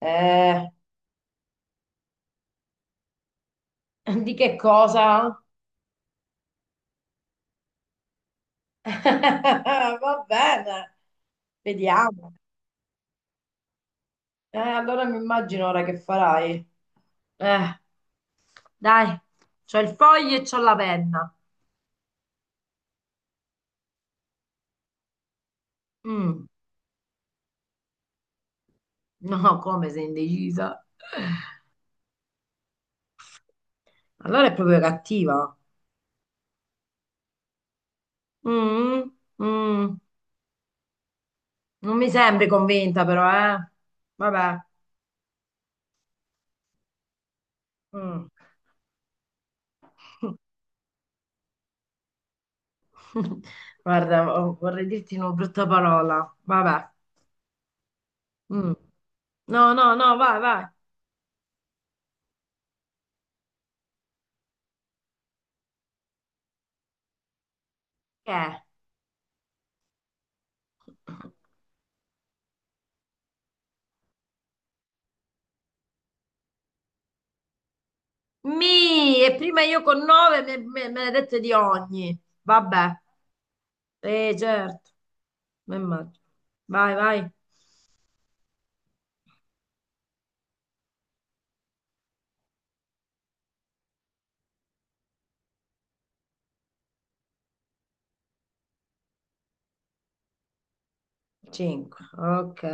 Eh, di che cosa? Va bene, vediamo. Allora mi immagino ora che farai. Eh, dai, c'ho il foglio e c'ho la penna. Mm, no, come sei indecisa? Allora è proprio cattiva. Mm, mm, non mi sembri convinta però, eh. Vabbè. Mm. Guarda, vorrei dirti una brutta parola. Vabbè. Mm. No, no, no, vai, vai. Che è? E prima io con nove me ne dette di ogni. Vabbè, certo, mi immagino. Vai, vai. Cinque, ok.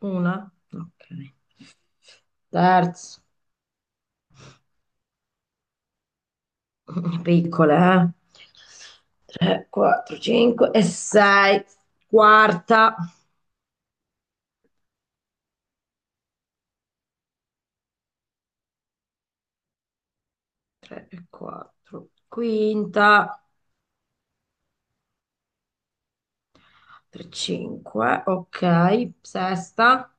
Una, ok. Terzo, piccole, eh. Tre, quattro, cinque e sei. Quarta, tre e quattro. Quinta, tre, cinque, ok. Sesta.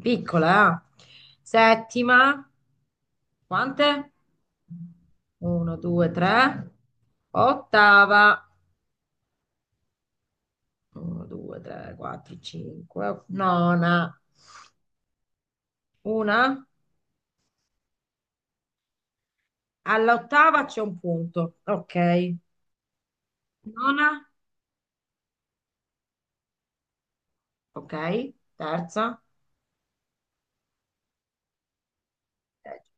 Piccola, eh? Settima, quante? Uno, due, tre. Ottava. Uno, due, tre, quattro, cinque. Nona. Una. All'ottava c'è un punto. Ok. Nona. Ok. Terza. Dec-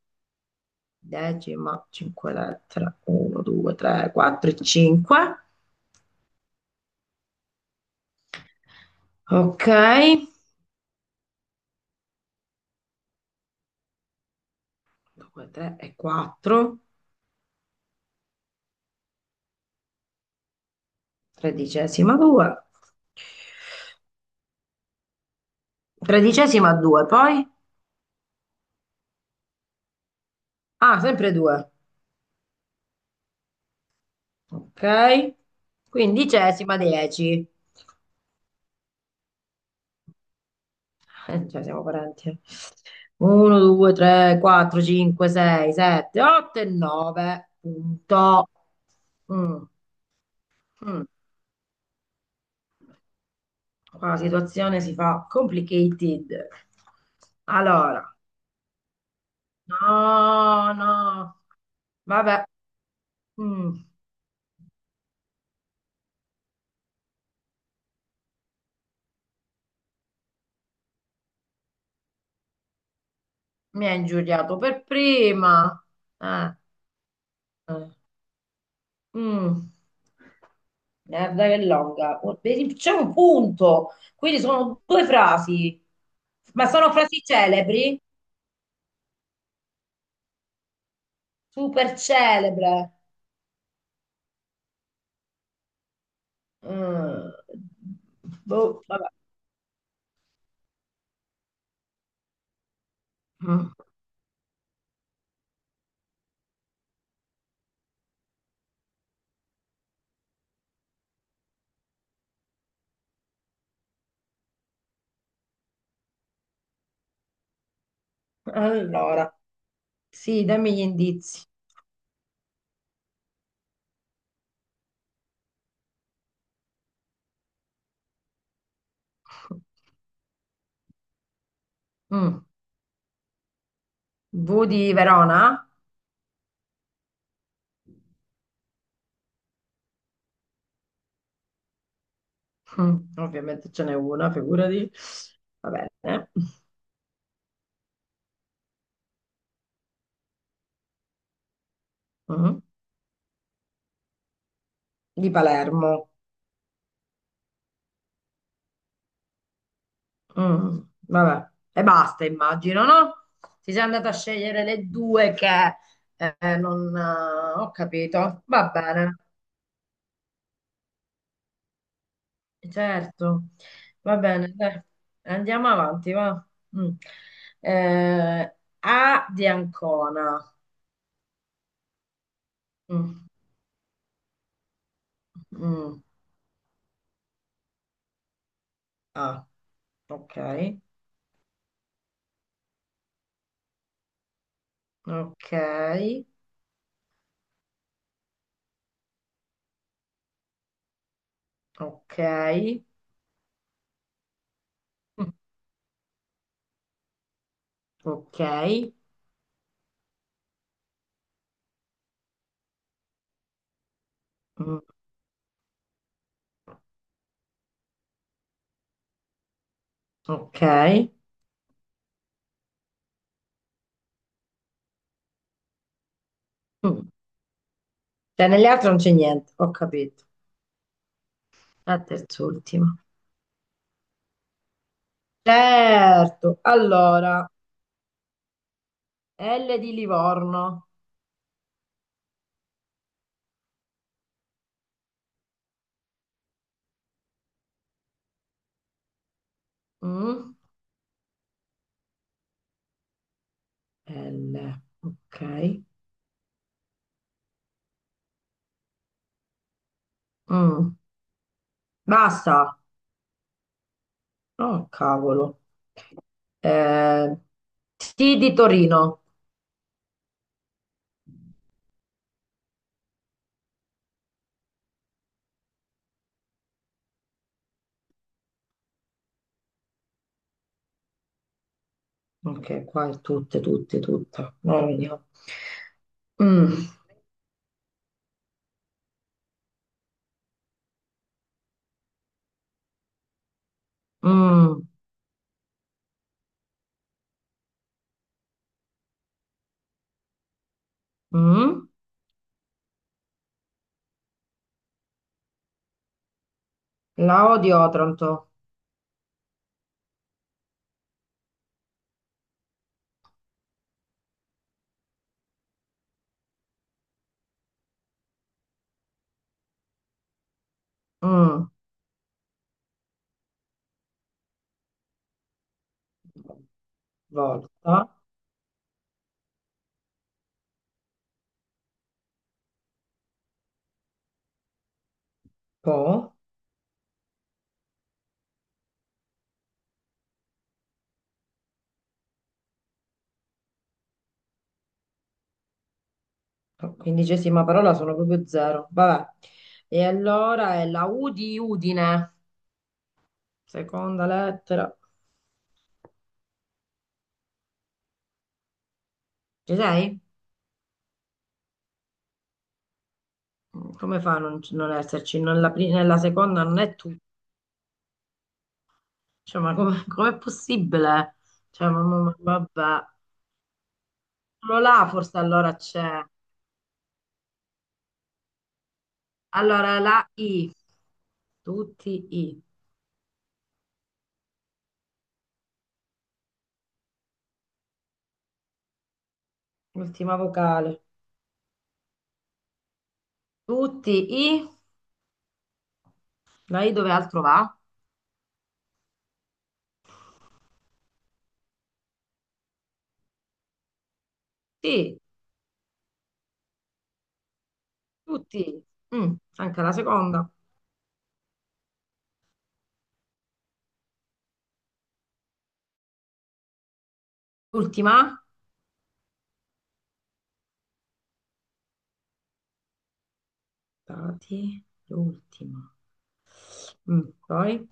Decima. Cinque lettere. Uno, due, tre, quattro e cinque. Ok. Due, tre e quattro. Tredicesima 2. Tredicesima 2, poi? Ah, sempre 2. Ok. Quindicesima 10. Cioè, siamo parenti. 1, 2, 3, 4, 5, 6, 7, 8 e 9. Punto. Mm, mm. Qua la situazione si fa complicated. Allora, no, no. Vabbè. Mm. Mi ha ingiuriato per prima. Eh, eh. Mm, guarda che longa. Oh, vedi, c'è un punto, quindi sono due frasi, ma sono frasi celebri, super celebre. Mm, boh, vabbè. Mm, Allora, sì, dammi gli indizi. Mm, V di Verona? Ovviamente ce n'è una, figurati. Va bene. Mm, Di Palermo. Mm, vabbè, e basta, immagino, no? Ti sei andata a scegliere le due che non ho capito. Va bene, certo, va bene, dai. Andiamo avanti, va. Mm. Eh, A di Ancona. Mm, mm, A. Ok, ok, ok, mm, ok, mm, ok. Mm. Cioè, nelle altre non c'è niente, ho capito. È terz'ultima. Certo. Allora, L di Livorno. Mm? L. Ok. Mm. Basta. Oh, cavolo. Eh, T di Torino. Ok, qua è tutte, tutte, tutte. No, vediamo. Mm. Mm. Mm. La O di Otranto. Mm. Volta. Po. Quindicesima parola sono proprio zero. Vabbè. E allora è la U di Udine, seconda lettera. Ci sei? Come fa a non, non esserci? Nella seconda non è tu. Cioè, ma come, com'è possibile? Cioè, ma vabbè. Solo là forse allora c'è. Allora la I, tutti I. Ultima vocale. Tutti I. La I dove altro va? Sì, tutti I. Anche la seconda. Ultima? Stati, l'ultima. Poi?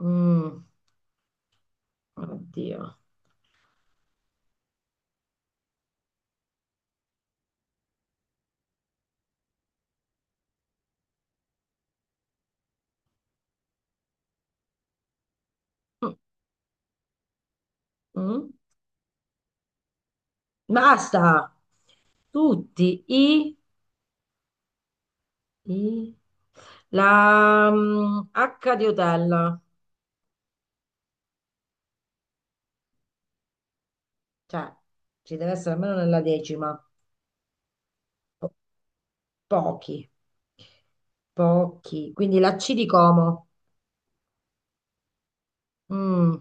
Mm, oddio. Mm, mm. Basta! Tutti i. i- la H di hotel. Cioè, ci deve essere almeno nella decima. Po- pochi, pochi. Quindi la C di Como. Mm,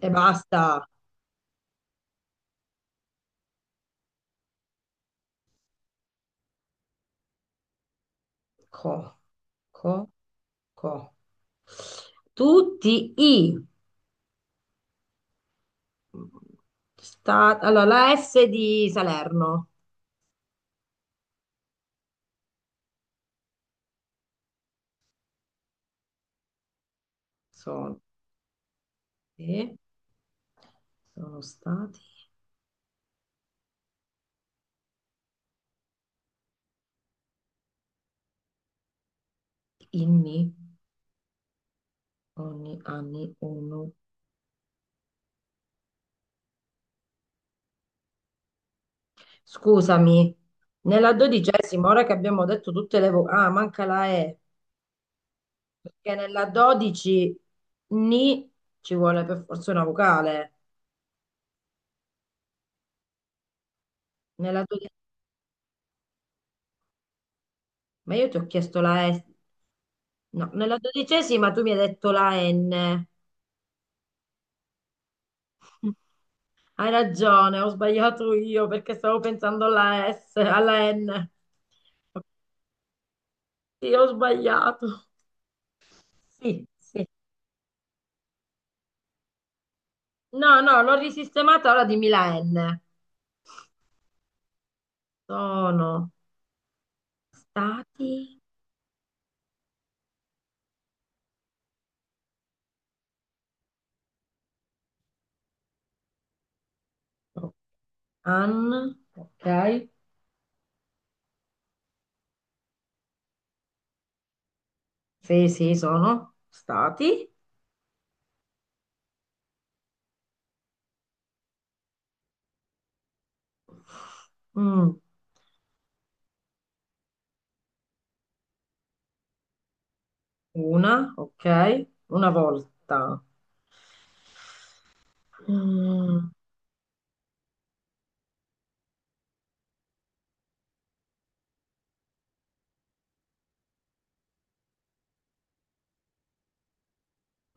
e basta. Co, co, co. Tutti i. Allora, la S di Salerno sono, e sono stati inni, ogni anni uno. Scusami, nella dodicesima, ora che abbiamo detto tutte le vocali, ah, manca la E, perché nella dodici ni ci vuole per forza una vocale. Nella dodi- ma io ti ho chiesto la S, no, nella dodicesima tu mi hai detto la N. Hai ragione, ho sbagliato io perché stavo pensando alla S, alla N. Sì, ho sbagliato. Sì, sì. No, no, l'ho risistemata, ora dimmi la N. Sono stati, no, ok. Sì, sì, sono stati. Mm, una, ok. Una volta. Mm,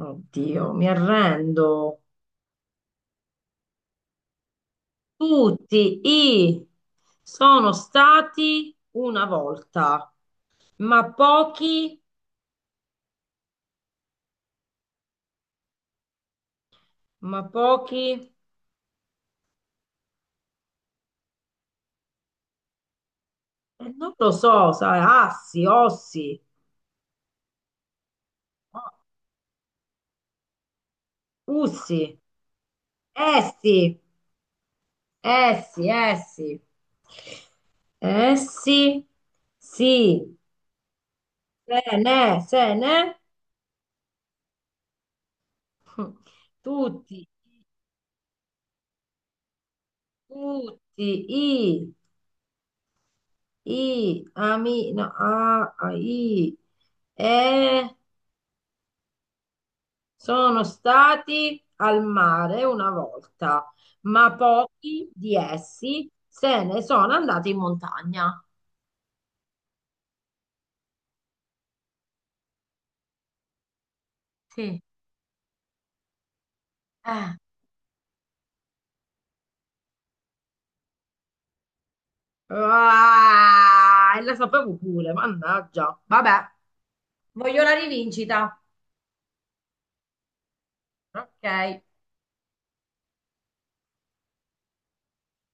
oddio, mi arrendo. Tutti i sono stati una volta, ma pochi, ma pochi, non lo so, sai, assi, ossi, o- ussi, essi, essi, essi, essi, sì, se ne, se ne, tutti, tutti, i, ami, no, a, i, e. Sono stati al mare una volta, ma pochi di essi se ne sono andati in montagna. Sì. Eh. Ah, e la sapevo pure, mannaggia. Vabbè, voglio la rivincita. Ok.